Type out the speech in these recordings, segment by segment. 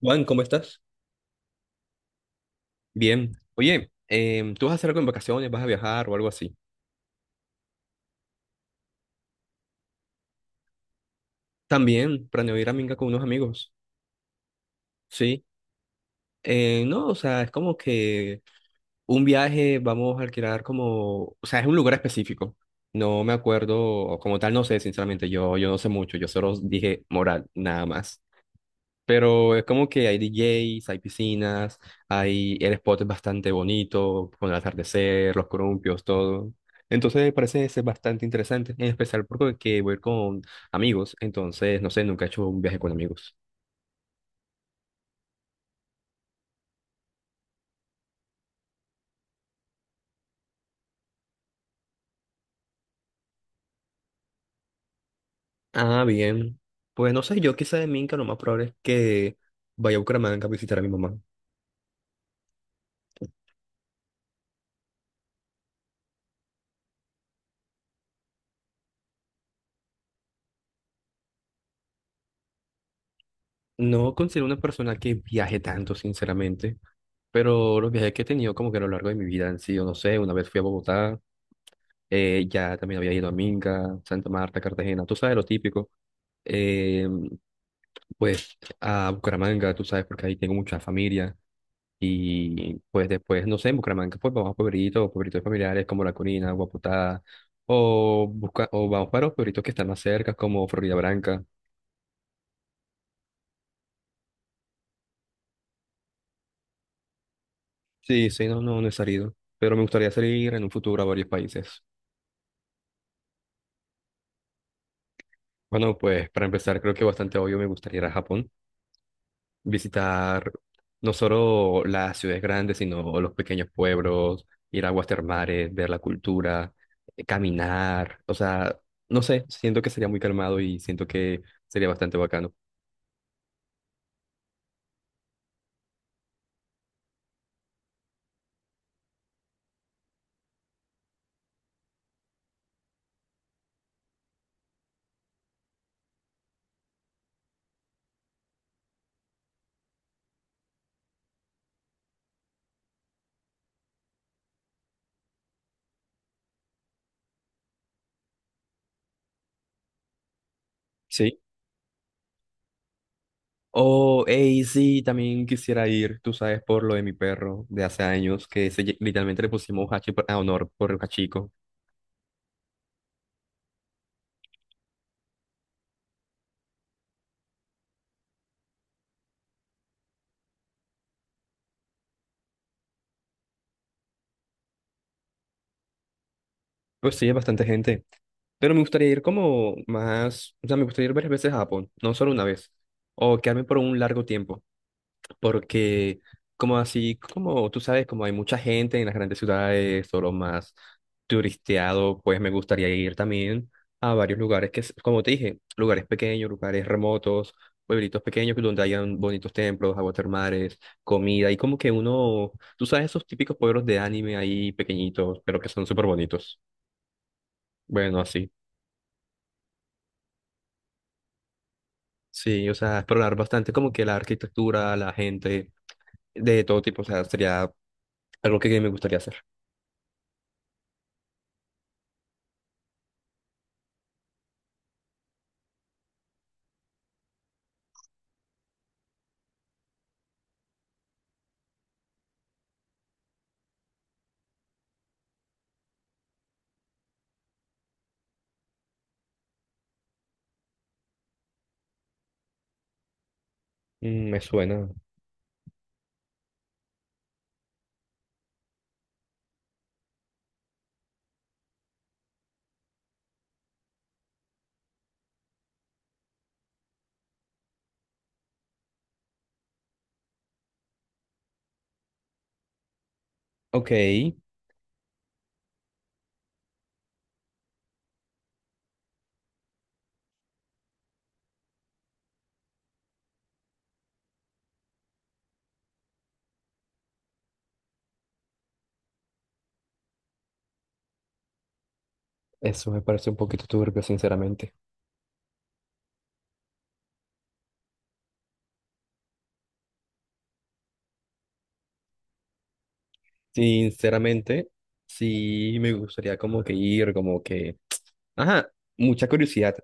Juan, ¿cómo estás? Bien. Oye, ¿tú vas a hacer algo en vacaciones? ¿Vas a viajar o algo así? También planeo ir a Minga con unos amigos. Sí. No, o sea, es como que un viaje vamos a alquilar, como, o sea, es un lugar específico. No me acuerdo, como tal, no sé, sinceramente, yo no sé mucho, yo solo dije moral, nada más. Pero es como que hay DJs, hay piscinas, hay, el spot es bastante bonito, con el atardecer, los columpios, todo. Entonces me parece ser bastante interesante, en especial porque voy a ir con amigos, entonces no sé, nunca he hecho un viaje con amigos. Ah, bien. Pues no sé, yo quizá de Minca lo más probable es que vaya a Bucaramanga a visitar a mi mamá. No considero una persona que viaje tanto, sinceramente, pero los viajes que he tenido como que a lo largo de mi vida han sido, no sé, una vez fui a Bogotá. Ya también había ido a Minca, Santa Marta, Cartagena, tú sabes, lo típico. Eh, pues a Bucaramanga, tú sabes, porque ahí tengo mucha familia. Y pues después, no sé, en Bucaramanga, pues vamos a pueblitos, pueblitos familiares como La Corina, Guaputá, o, busca, o vamos para los pueblitos que están más cerca, como Florida Branca. Sí, sí, no, no, no he salido, pero me gustaría salir en un futuro a varios países. Bueno, pues para empezar, creo que bastante obvio me gustaría ir a Japón. Visitar no solo las ciudades grandes, sino los pequeños pueblos, ir a aguas termales, ver la cultura, caminar, o sea, no sé, siento que sería muy calmado y siento que sería bastante bacano. Sí. Oh, hey, sí, también quisiera ir, tú sabes, por lo de mi perro de hace años, que literalmente le pusimos Hachi a honor por el Hachico. Pues sí, es bastante gente. Pero me gustaría ir como más, o sea, me gustaría ir varias veces a Japón, no solo una vez, o quedarme por un largo tiempo. Porque, como así, como tú sabes, como hay mucha gente en las grandes ciudades o lo más turisteado, pues me gustaría ir también a varios lugares que, como te dije, lugares pequeños, lugares remotos, pueblitos pequeños donde hayan bonitos templos, aguas termales, comida y como que uno, tú sabes, esos típicos pueblos de anime ahí pequeñitos, pero que son súper bonitos. Bueno, así. Sí, o sea, explorar bastante como que la arquitectura, la gente, de todo tipo, o sea, sería algo que me gustaría hacer. Mm, me suena. Ok, eso me parece un poquito turbio, sinceramente. Sinceramente, sí me gustaría como que ir, como que... Ajá, mucha curiosidad,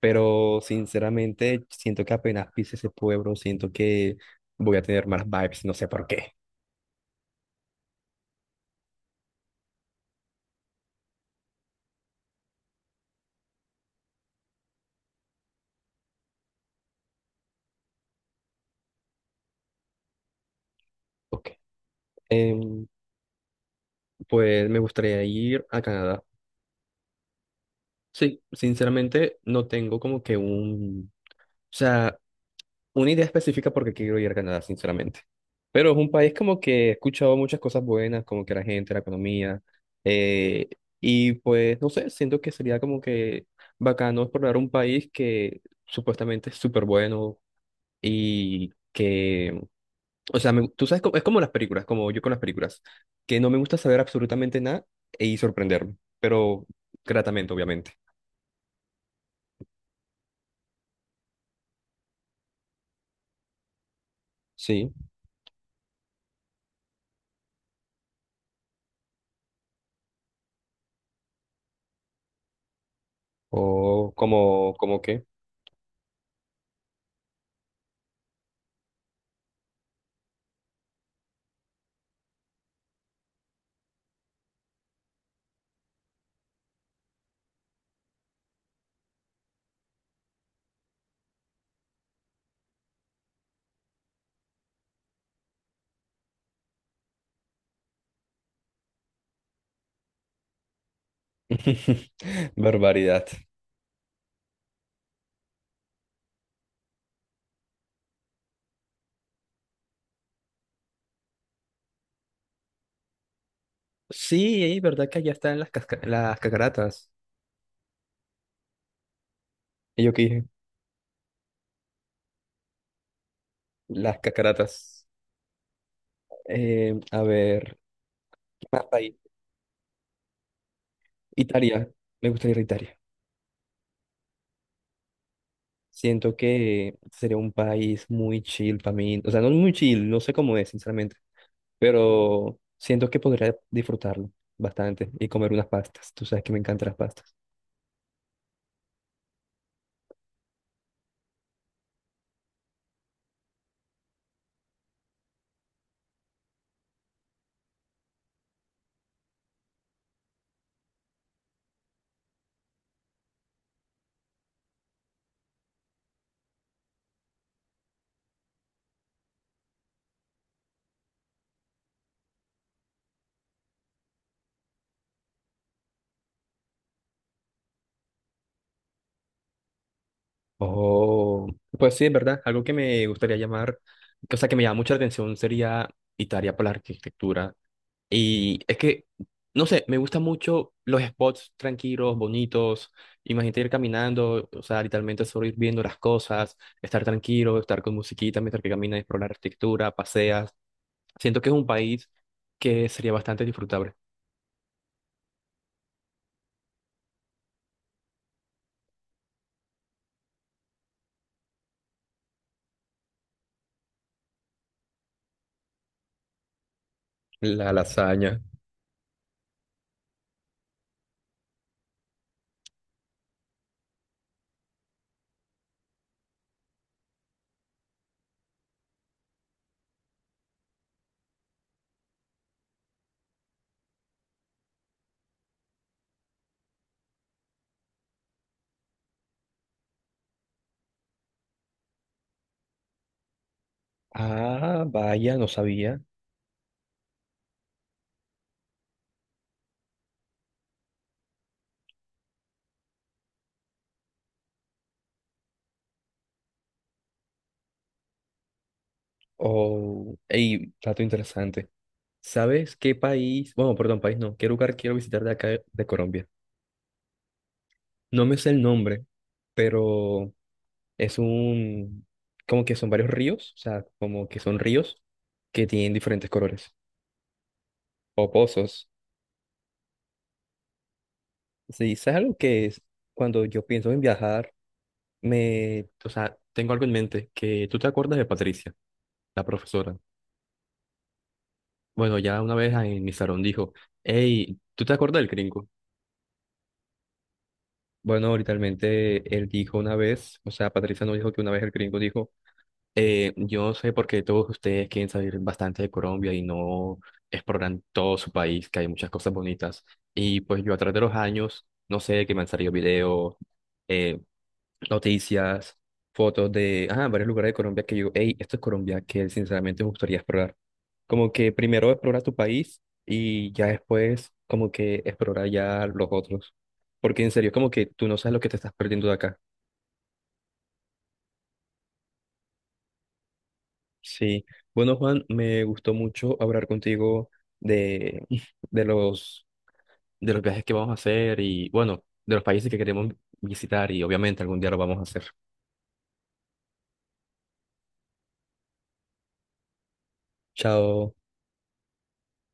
pero sinceramente siento que apenas pise ese pueblo, siento que voy a tener malas vibes, no sé por qué. Ok, em, pues me gustaría ir a Canadá. Sí, sinceramente no tengo como que un... O sea, una idea específica porque quiero ir a Canadá, sinceramente. Pero es un país como que he escuchado muchas cosas buenas, como que la gente, la economía, eh, y pues no sé, siento que sería como que bacano explorar un país que supuestamente es súper bueno y que, o sea, tú sabes, es como las películas, como yo con las películas, que no me gusta saber absolutamente nada y sorprenderme, pero gratamente, obviamente. Sí, o como, como que. Barbaridad. Sí, es verdad que allá están las, las cacaratas. Y yo qué dije, las cacaratas. A ver, ¿qué más país? Italia. Me gustaría ir a Italia. Siento que sería un país muy chill para mí. O sea, no muy chill, no sé cómo es, sinceramente. Pero siento que podría disfrutarlo bastante y comer unas pastas. Tú sabes que me encantan las pastas. Oh, pues sí, es verdad. Algo que me gustaría llamar, o sea, que me llama mucha atención sería Italia por la arquitectura. Y es que, no sé, me gustan mucho los spots tranquilos, bonitos. Imagínate ir caminando, o sea, literalmente solo ir viendo las cosas, estar tranquilo, estar con musiquita mientras que caminas, explorar la arquitectura, paseas. Siento que es un país que sería bastante disfrutable. La lasaña. Ah, vaya, no sabía. Oh, ey, dato interesante. ¿Sabes qué país? Bueno, perdón, país no. ¿Qué lugar quiero visitar de acá de Colombia? No me sé el nombre, pero es un, como que son varios ríos, o sea, como que son ríos que tienen diferentes colores o pozos. Sí, es algo que es, cuando yo pienso en viajar, me, o sea, tengo algo en mente, que tú te acuerdas de Patricia, la profesora. Bueno, ya una vez en mi salón dijo, hey, ¿tú te acuerdas del gringo? Bueno, literalmente él dijo una vez, o sea, Patricia no dijo que una vez el gringo dijo. Yo sé porque todos ustedes quieren salir bastante de Colombia y no exploran todo su país, que hay muchas cosas bonitas. Y pues yo a través de los años, no sé, que me han salido videos, eh, noticias, fotos de ah, varios lugares de Colombia que yo, hey, esto es Colombia, que sinceramente me gustaría explorar. Como que primero explora tu país y ya después como que explora ya los otros. Porque en serio, como que tú no sabes lo que te estás perdiendo de acá. Sí, bueno Juan, me gustó mucho hablar contigo de, de los, de los viajes que vamos a hacer y bueno, de los países que queremos visitar y obviamente algún día lo vamos a hacer. Chao.